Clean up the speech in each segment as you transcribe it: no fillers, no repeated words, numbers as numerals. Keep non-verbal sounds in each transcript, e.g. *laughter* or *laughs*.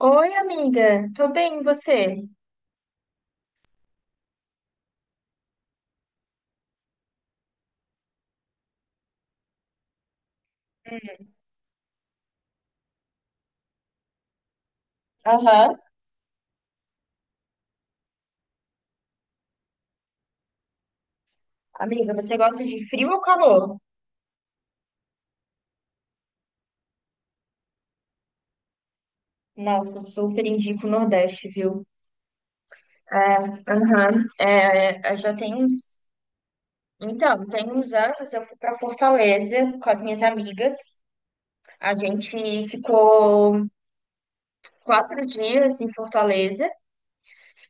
Oi, amiga. Tô bem, e você? Aham. Amiga, você gosta de frio ou calor? Nossa, eu super indico o Nordeste, viu? É, aham. É, já tem uns. Então, tem uns anos eu fui pra Fortaleza com as minhas amigas. A gente ficou 4 dias em Fortaleza.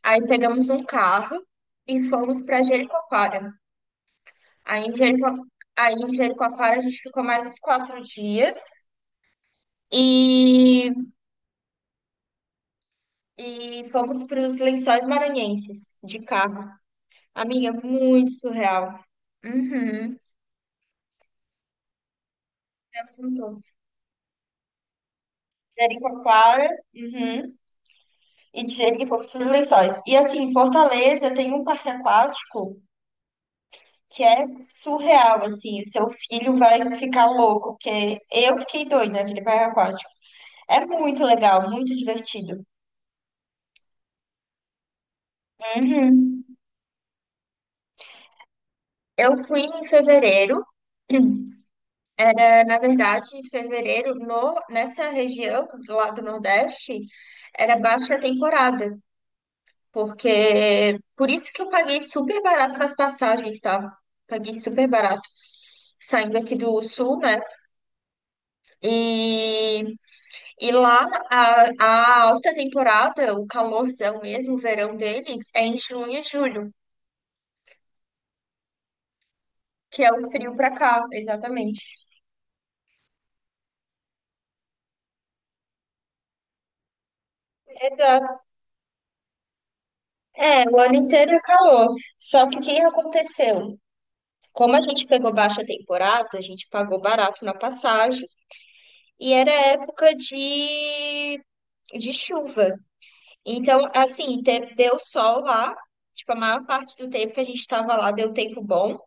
Aí pegamos um carro e fomos pra Jericoacoara. Aí em Jerico... Aí em Jericoacoara a gente ficou mais uns 4 dias. E e fomos para os Lençóis Maranhenses de carro. Amiga, muito surreal. Uhum. Fizemos um tour. Jericoacoara, uhum. E de Jerico fomos para os Lençóis. E assim, Fortaleza tem um parque aquático que é surreal, assim. O seu filho vai ficar louco, porque eu fiquei doida naquele parque aquático. É muito legal, muito divertido. Uhum. Eu fui em fevereiro. É, na verdade, em fevereiro, no, nessa região lá do Nordeste, era baixa temporada, porque por isso que eu paguei super barato nas passagens, tá? Paguei super barato saindo aqui do Sul, né? E, e lá a alta temporada, o calorzão mesmo, o verão deles, é em junho e julho. Que é o frio pra cá, exatamente. Exato. É, o ano inteiro é calor. Só que o que aconteceu? Como a gente pegou baixa temporada, a gente pagou barato na passagem e era época de chuva. Então, assim, deu sol lá, tipo, a maior parte do tempo que a gente estava lá deu tempo bom,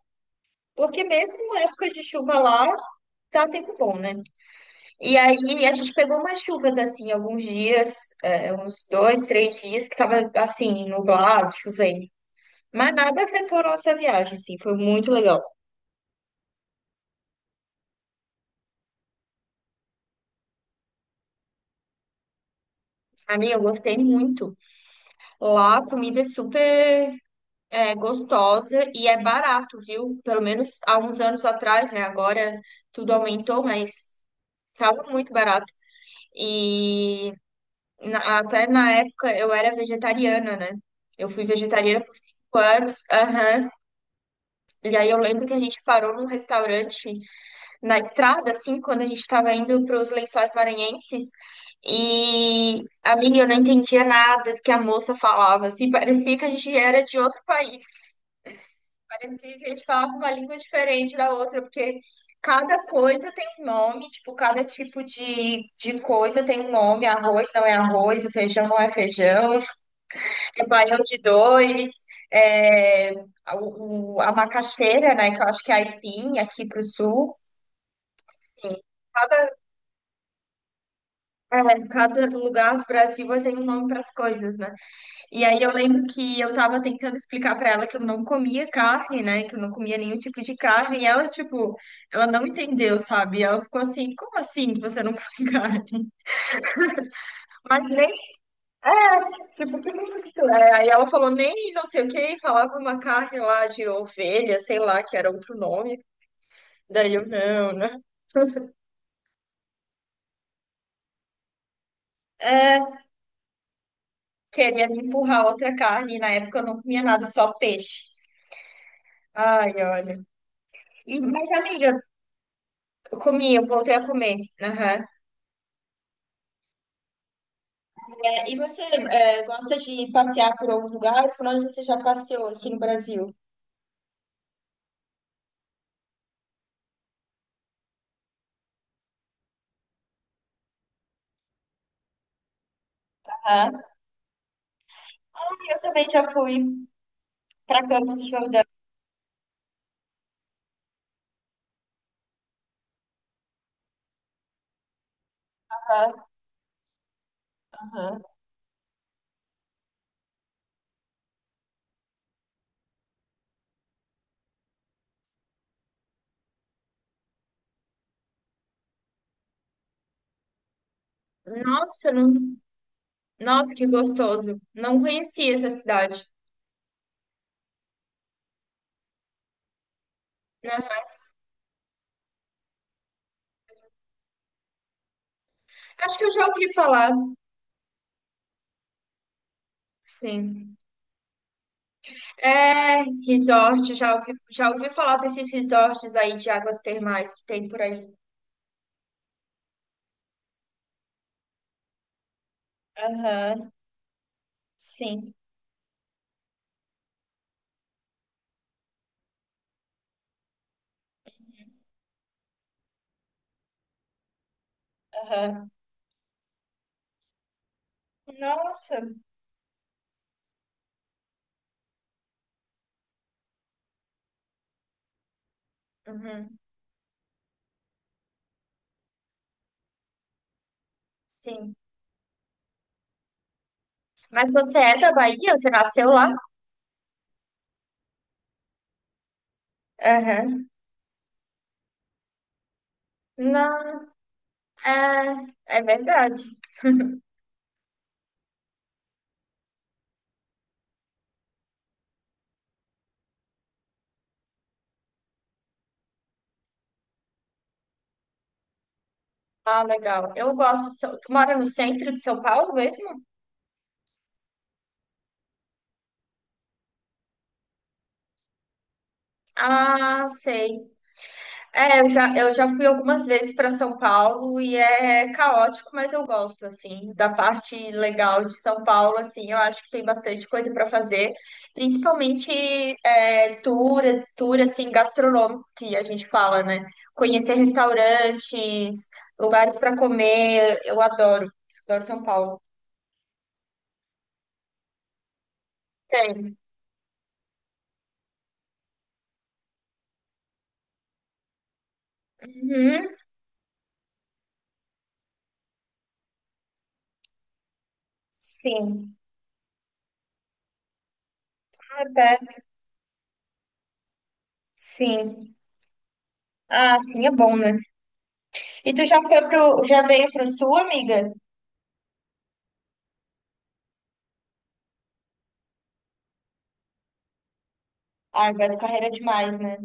porque mesmo na época de chuva lá, dá tempo bom, né? E aí a gente pegou umas chuvas, assim, alguns dias, é, uns dois, três dias, que tava, assim, nublado, chovendo. Mas nada afetou nossa viagem, assim, foi muito legal. A minha eu gostei muito. Lá a comida é super gostosa e é barato, viu? Pelo menos há uns anos atrás, né? Agora tudo aumentou, mas estava muito barato. E até na época eu era vegetariana, né? Eu fui vegetariana por 5 anos. Aham. E aí eu lembro que a gente parou num restaurante na estrada, assim, quando a gente estava indo para os Lençóis Maranhenses. E, amiga, eu não entendia nada do que a moça falava, assim, parecia que a gente era de outro país. Recife, a gente falava uma língua diferente da outra, porque cada coisa tem um nome, tipo, cada tipo de coisa tem um nome. Arroz não é arroz, o feijão não é feijão, é baião de dois, é, a macaxeira, né, que eu acho que é aipim aqui pro sul. Enfim, Cada, cada lugar do Brasil tem um nome para as coisas, né? E aí eu lembro que eu tava tentando explicar pra ela que eu não comia carne, né? Que eu não comia nenhum tipo de carne. E ela, tipo, ela não entendeu, sabe? Ela ficou assim, como assim que você não come *laughs* carne? Mas nem, tipo, que isso é? Aí ela falou nem não sei o quê, falava uma carne lá de ovelha, sei lá, que era outro nome. Daí eu, não, né? É, queria me empurrar outra carne. E na época eu não comia nada, só peixe. Ai, olha. Mas, amiga, eu comi, eu voltei a comer. Aham. É, e você é, gosta de passear por alguns lugares? Por onde você já passeou aqui no Brasil? Aham. Ah, eu também já fui para Campos do Jordão. Aham. Aham. Nossa, não... Nossa, que gostoso. Não conhecia essa cidade. Aham. Acho que eu já ouvi falar. Sim. É, resort, já ouvi falar desses resorts aí de águas termais que tem por aí. Aham. Sim. Aham. Nossa. Uhum, sim. Mas você é da Bahia? Você nasceu lá? Aham. Não, é, é verdade. Ah, legal. Eu gosto. De São- tu mora no centro de São Paulo mesmo? Ah, sei. É, eu já fui algumas vezes para São Paulo e é caótico, mas eu gosto, assim, da parte legal de São Paulo, assim, eu acho que tem bastante coisa para fazer, principalmente é, tour, assim, gastronômico, que a gente fala, né? Conhecer restaurantes, lugares para comer, eu adoro, adoro São Paulo. Tem. Uhum. Sim. Ah, tá. Sim. Ah, sim, é bom, né? E tu já foi pro, já veio pro Sul, amiga? Ah, Beto Carreira é demais, né?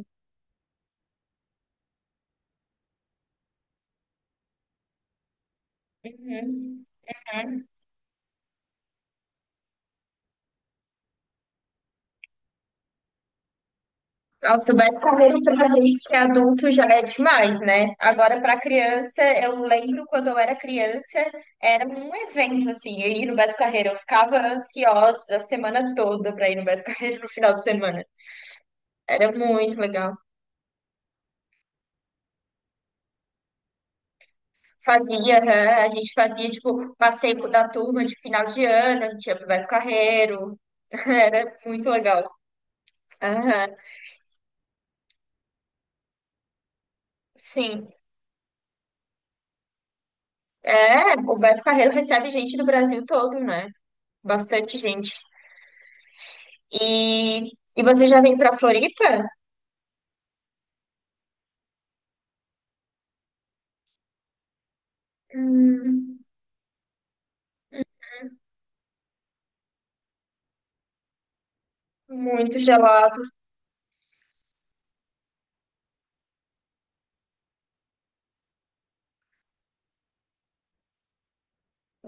Uhum. Uhum. Nossa, o Beto Carreira pra gente que é adulto já é demais, né? Agora pra criança, eu lembro quando eu era criança, era um evento assim, eu ir no Beto Carreira, eu ficava ansiosa a semana toda pra ir no Beto Carreira no final de semana. Era muito legal. Fazia, aham. A gente fazia, tipo, passeio da turma de final de ano, a gente ia pro Beto Carreiro. *laughs* Era muito legal. Aham, sim. É, o Beto Carreiro recebe gente do Brasil todo, né? Bastante gente. E, e você já vem pra Floripa? Hum, muito gelado.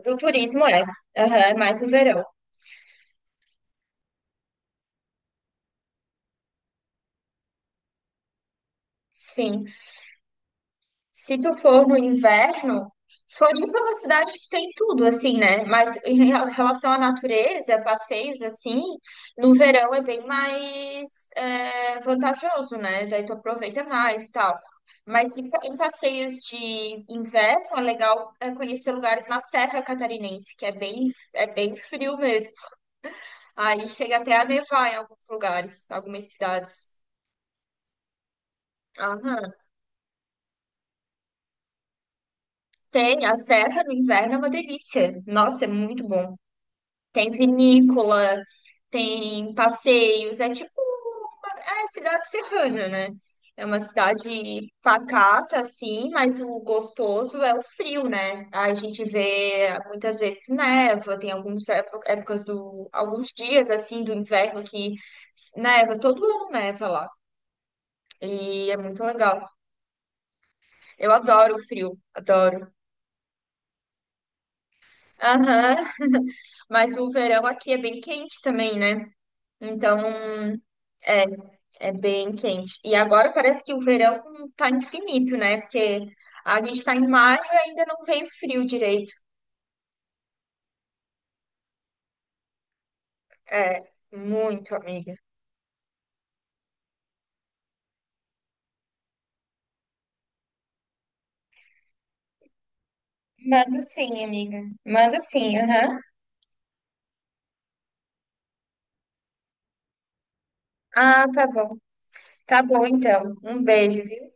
Do turismo, é. Aham, é mais no verão. Sim. Se tu for no inverno, Floripa é uma cidade que tem tudo, assim, né? Mas em relação à natureza, passeios, assim, no verão é bem mais vantajoso, né? Daí tu aproveita mais e tal. Mas em passeios de inverno, é legal conhecer lugares na Serra Catarinense, que é bem frio mesmo. Aí chega até a nevar em alguns lugares, algumas cidades. Aham. Tem, a serra no inverno é uma delícia. Nossa, é muito bom. Tem vinícola, tem passeios, é tipo uma, é cidade serrana, né? É uma cidade pacata, assim, mas o gostoso é o frio, né? A gente vê muitas vezes neva, tem algumas épocas alguns dias, assim, do inverno que neva, todo ano neva lá. E é muito legal. Eu adoro o frio, adoro. Aham, mas o verão aqui é bem quente também, né? Então É, é bem quente. E agora parece que o verão tá infinito, né? Porque a gente tá em maio e ainda não veio frio direito. É, muito, amiga. Mando sim, amiga. Mando sim, aham. Ah, tá bom. Tá bom, então. Um beijo, viu?